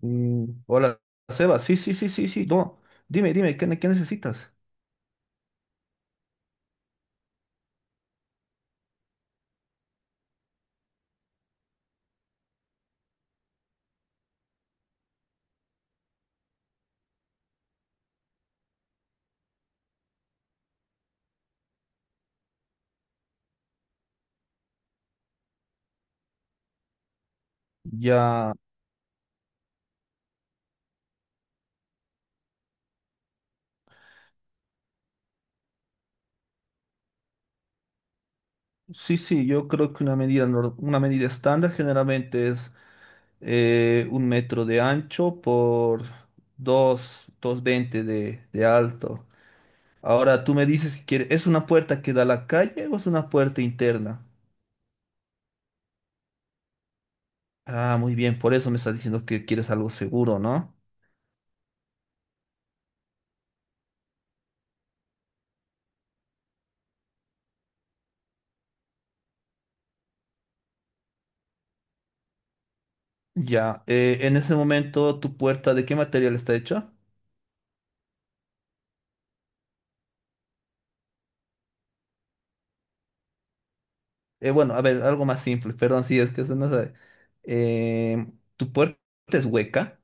Hola, Seba. Sí, sí, sí, sí, sí. No, dime, dime, ¿ qué necesitas? Ya, sí, sí, yo creo que una medida, una medida estándar generalmente es un metro de ancho por dos, dos veinte de alto. Ahora, tú me dices que quiere- ¿es una puerta que da a la calle o es una puerta interna? Ah, muy bien, por eso me estás diciendo que quieres algo seguro, ¿no? Ya, en ese momento, ¿tu puerta de qué material está hecha? Bueno, a ver, algo más simple, perdón, sí, es que se nos sabe. Eh, Tu puerta es hueca.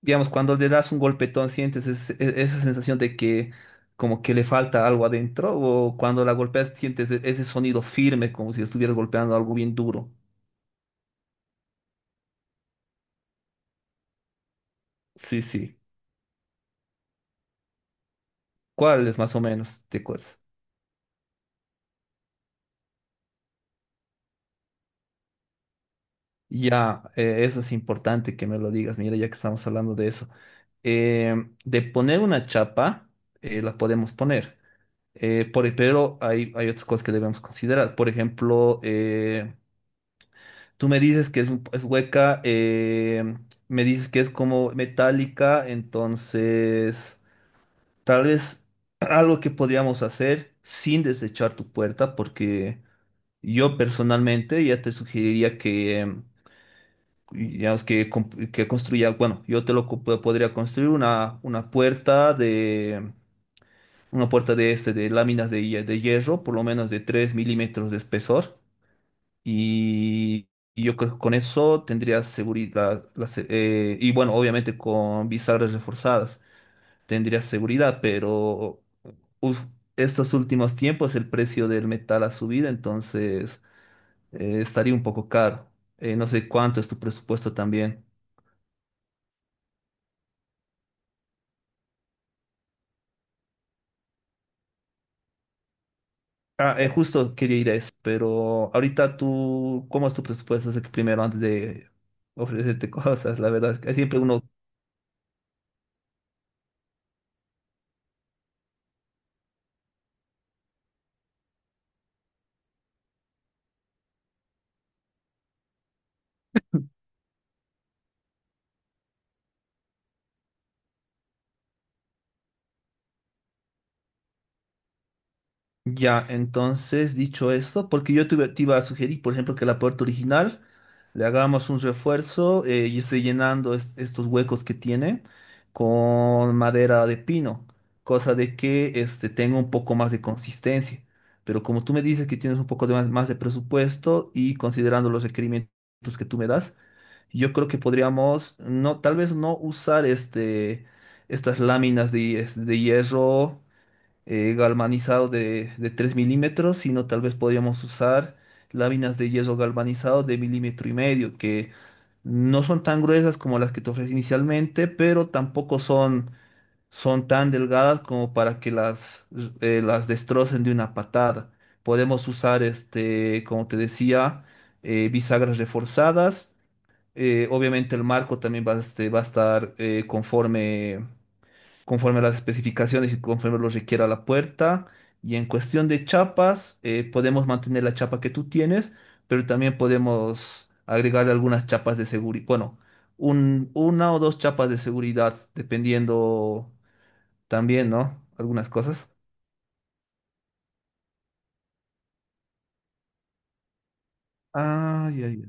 Digamos, cuando le das un golpetón, sientes esa sensación de que como que le falta algo adentro, o cuando la golpeas, sientes ese sonido firme, como si estuvieras golpeando algo bien duro. Sí, sí. ¿Cuál es más o menos? ¿Te acuerdas? Ya, eso es importante que me lo digas, mira, ya que estamos hablando de eso. Eh, de poner una chapa, la podemos poner. Pero hay otras cosas que debemos considerar. Por ejemplo, tú me dices que es hueca, me dices que es como metálica, entonces tal vez algo que podríamos hacer sin desechar tu puerta, porque yo personalmente ya te sugeriría que, digamos, que construya, bueno, yo te lo co- podría construir una puerta. Una puerta de este, de láminas de, de hierro, por lo menos de 3 milímetros de espesor. Y, y yo creo que con eso tendrías seguridad. Y bueno, obviamente con bisagras reforzadas tendrías seguridad, pero uf, estos últimos tiempos el precio del metal ha subido, entonces estaría un poco caro. No sé cuánto es tu presupuesto también. Ah, justo quería ir a eso, pero ahorita tú, ¿cómo es tu presupuesto? Así que primero antes de ofrecerte cosas, la verdad, es que siempre uno... Ya, entonces, dicho esto, porque yo te iba a sugerir, por ejemplo, que la puerta original le hagamos un refuerzo y esté llenando estos huecos que tiene con madera de pino, cosa de que este, tenga un poco más de consistencia. Pero como tú me dices que tienes un poco de más, más de presupuesto y considerando los requerimientos que tú me das, yo creo que podríamos, no, tal vez no usar este, estas láminas de hierro galvanizado de 3 milímetros, sino tal vez podríamos usar láminas de hierro galvanizado de milímetro y medio, que no son tan gruesas como las que te ofrecí inicialmente, pero tampoco son, son tan delgadas como para que las destrocen de una patada. Podemos usar, este, como te decía, bisagras reforzadas. Obviamente el marco también va a, este, va a estar conforme, conforme a las especificaciones y conforme lo requiera la puerta. Y en cuestión de chapas, podemos mantener la chapa que tú tienes, pero también podemos agregarle algunas chapas de seguridad. Bueno, una o dos chapas de seguridad, dependiendo también, ¿no? Algunas cosas. Ah, ya, ya.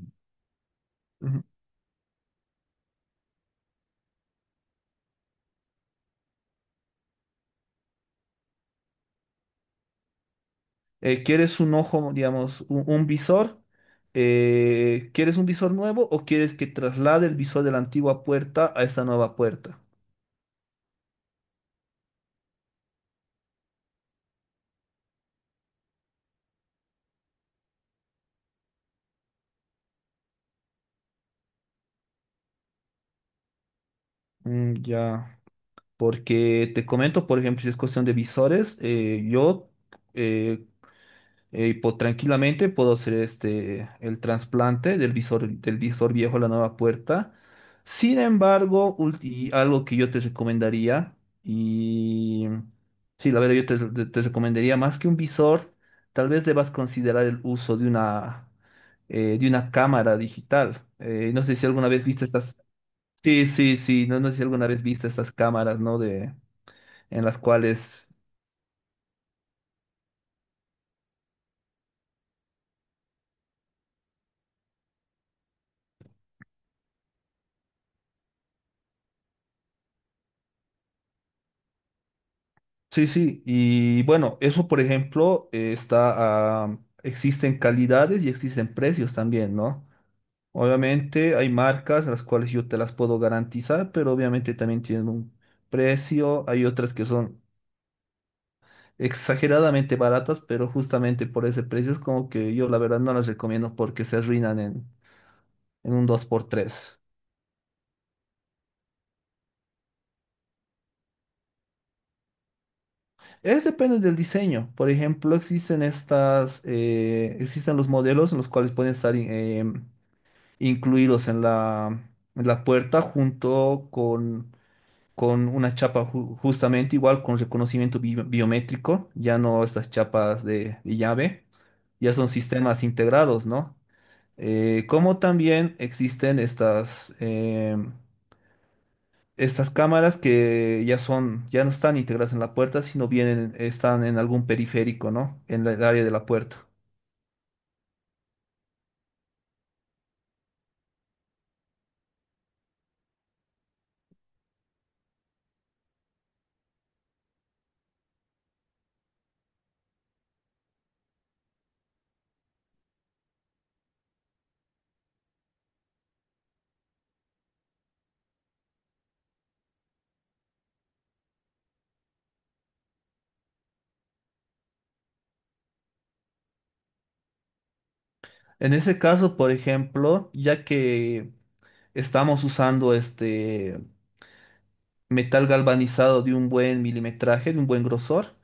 ¿Quieres un ojo, digamos, un visor? ¿Quieres un visor nuevo o quieres que traslade el visor de la antigua puerta a esta nueva puerta? Ya, porque te comento, por ejemplo, si es cuestión de visores, eh, tranquilamente puedo hacer este, el trasplante del visor viejo a la nueva puerta. Sin embargo, algo que yo te recomendaría, y sí, la verdad te recomendaría más que un visor, tal vez debas considerar el uso de una cámara digital. No sé si alguna vez viste estas... Sí, sí, sí, no, no sé si alguna vez viste estas cámaras, ¿no? De, en las cuales. Sí, sí, y bueno, eso por ejemplo existen calidades y existen precios también, ¿no? Obviamente hay marcas las cuales yo te las puedo garantizar, pero obviamente también tienen un precio, hay otras que son exageradamente baratas, pero justamente por ese precio es como que yo la verdad no las recomiendo porque se arruinan en un dos por tres. Es depende del diseño, por ejemplo, existen los modelos en los cuales pueden estar... incluidos en la puerta junto con una chapa justamente igual con reconocimiento biométrico, ya no estas chapas de llave, ya son sistemas integrados, ¿no? Como también existen estas, estas cámaras que ya son, ya no están integradas en la puerta, sino vienen, están en algún periférico, ¿no? El área de la puerta. En ese caso, por ejemplo, ya que estamos usando este, metal galvanizado de un buen milimetraje, de un buen grosor.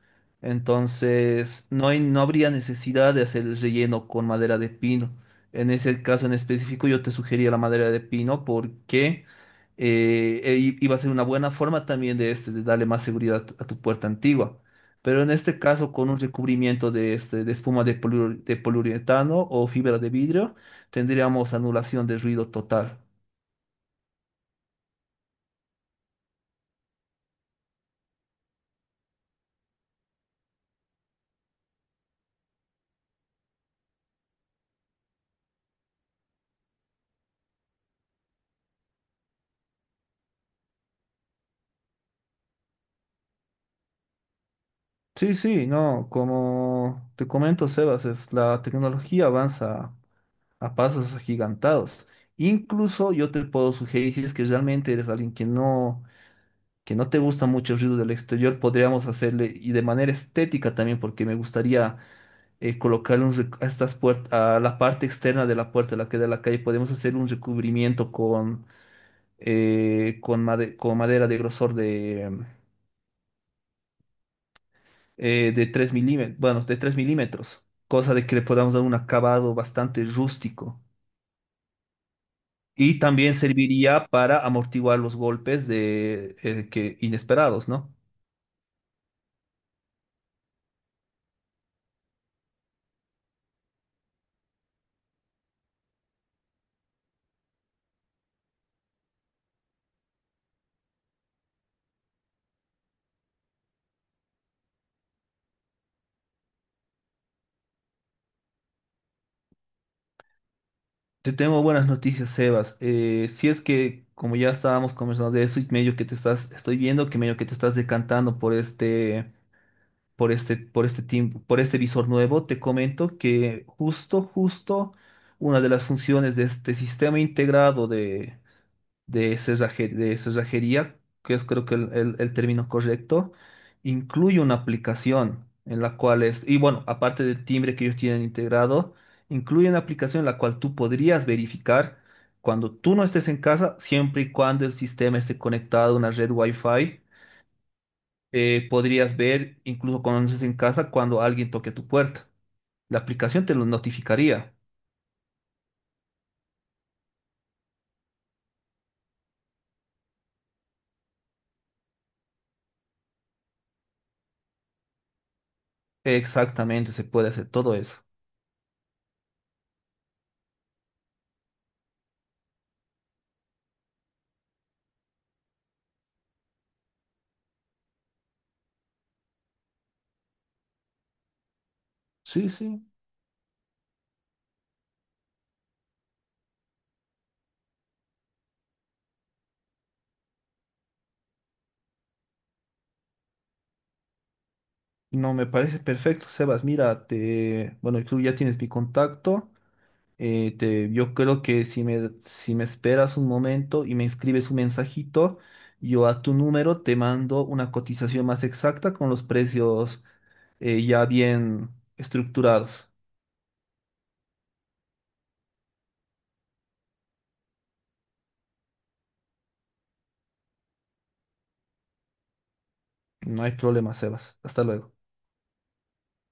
Entonces, no habría necesidad de hacer el relleno con madera de pino. En ese caso en específico, yo te sugería la madera de pino porque iba a ser una buena forma también de, este, de darle más seguridad a tu puerta antigua. Pero en este caso, con un recubrimiento de, este, de espuma de, de poliuretano o fibra de vidrio, tendríamos anulación de ruido total. Sí, sí, no, como te comento, Sebas, es, la tecnología avanza a pasos agigantados. Incluso yo te puedo sugerir, si es que realmente eres alguien que no te gusta mucho el ruido del exterior, podríamos hacerle, y de manera estética también, porque me gustaría a estas puertas, a la parte externa de la puerta, la que da a la calle, podemos hacer un recubrimiento con, con madera de grosor de 3 milímetros, bueno, de 3 milímetros, cosa de que le podamos dar un acabado bastante rústico. Y también serviría para amortiguar los golpes de, que, inesperados, ¿no? Te tengo buenas noticias, Sebas. Si es que, como ya estábamos conversando de eso, y medio que te estás, estoy viendo que medio que te estás decantando por este, por este, por este tiempo, por este visor nuevo, te comento que justo, justo, una de las funciones de este sistema integrado de, de cerrajería, que es creo que el término correcto, incluye una aplicación en la cual es, y bueno, aparte del timbre que ellos tienen integrado, incluye una aplicación en la cual tú podrías verificar cuando tú no estés en casa, siempre y cuando el sistema esté conectado a una red Wi-Fi, podrías ver, incluso cuando no estés en casa, cuando alguien toque tu puerta. La aplicación te lo notificaría. Exactamente, se puede hacer todo eso. Sí, sí. No, me parece perfecto, Sebas. Mira, te, bueno, tú ya tienes mi contacto. Yo creo que si me, si me esperas un momento y me escribes un mensajito, yo a tu número te mando una cotización más exacta con los precios ya bien estructurados. No hay problema, Sebas. Hasta luego.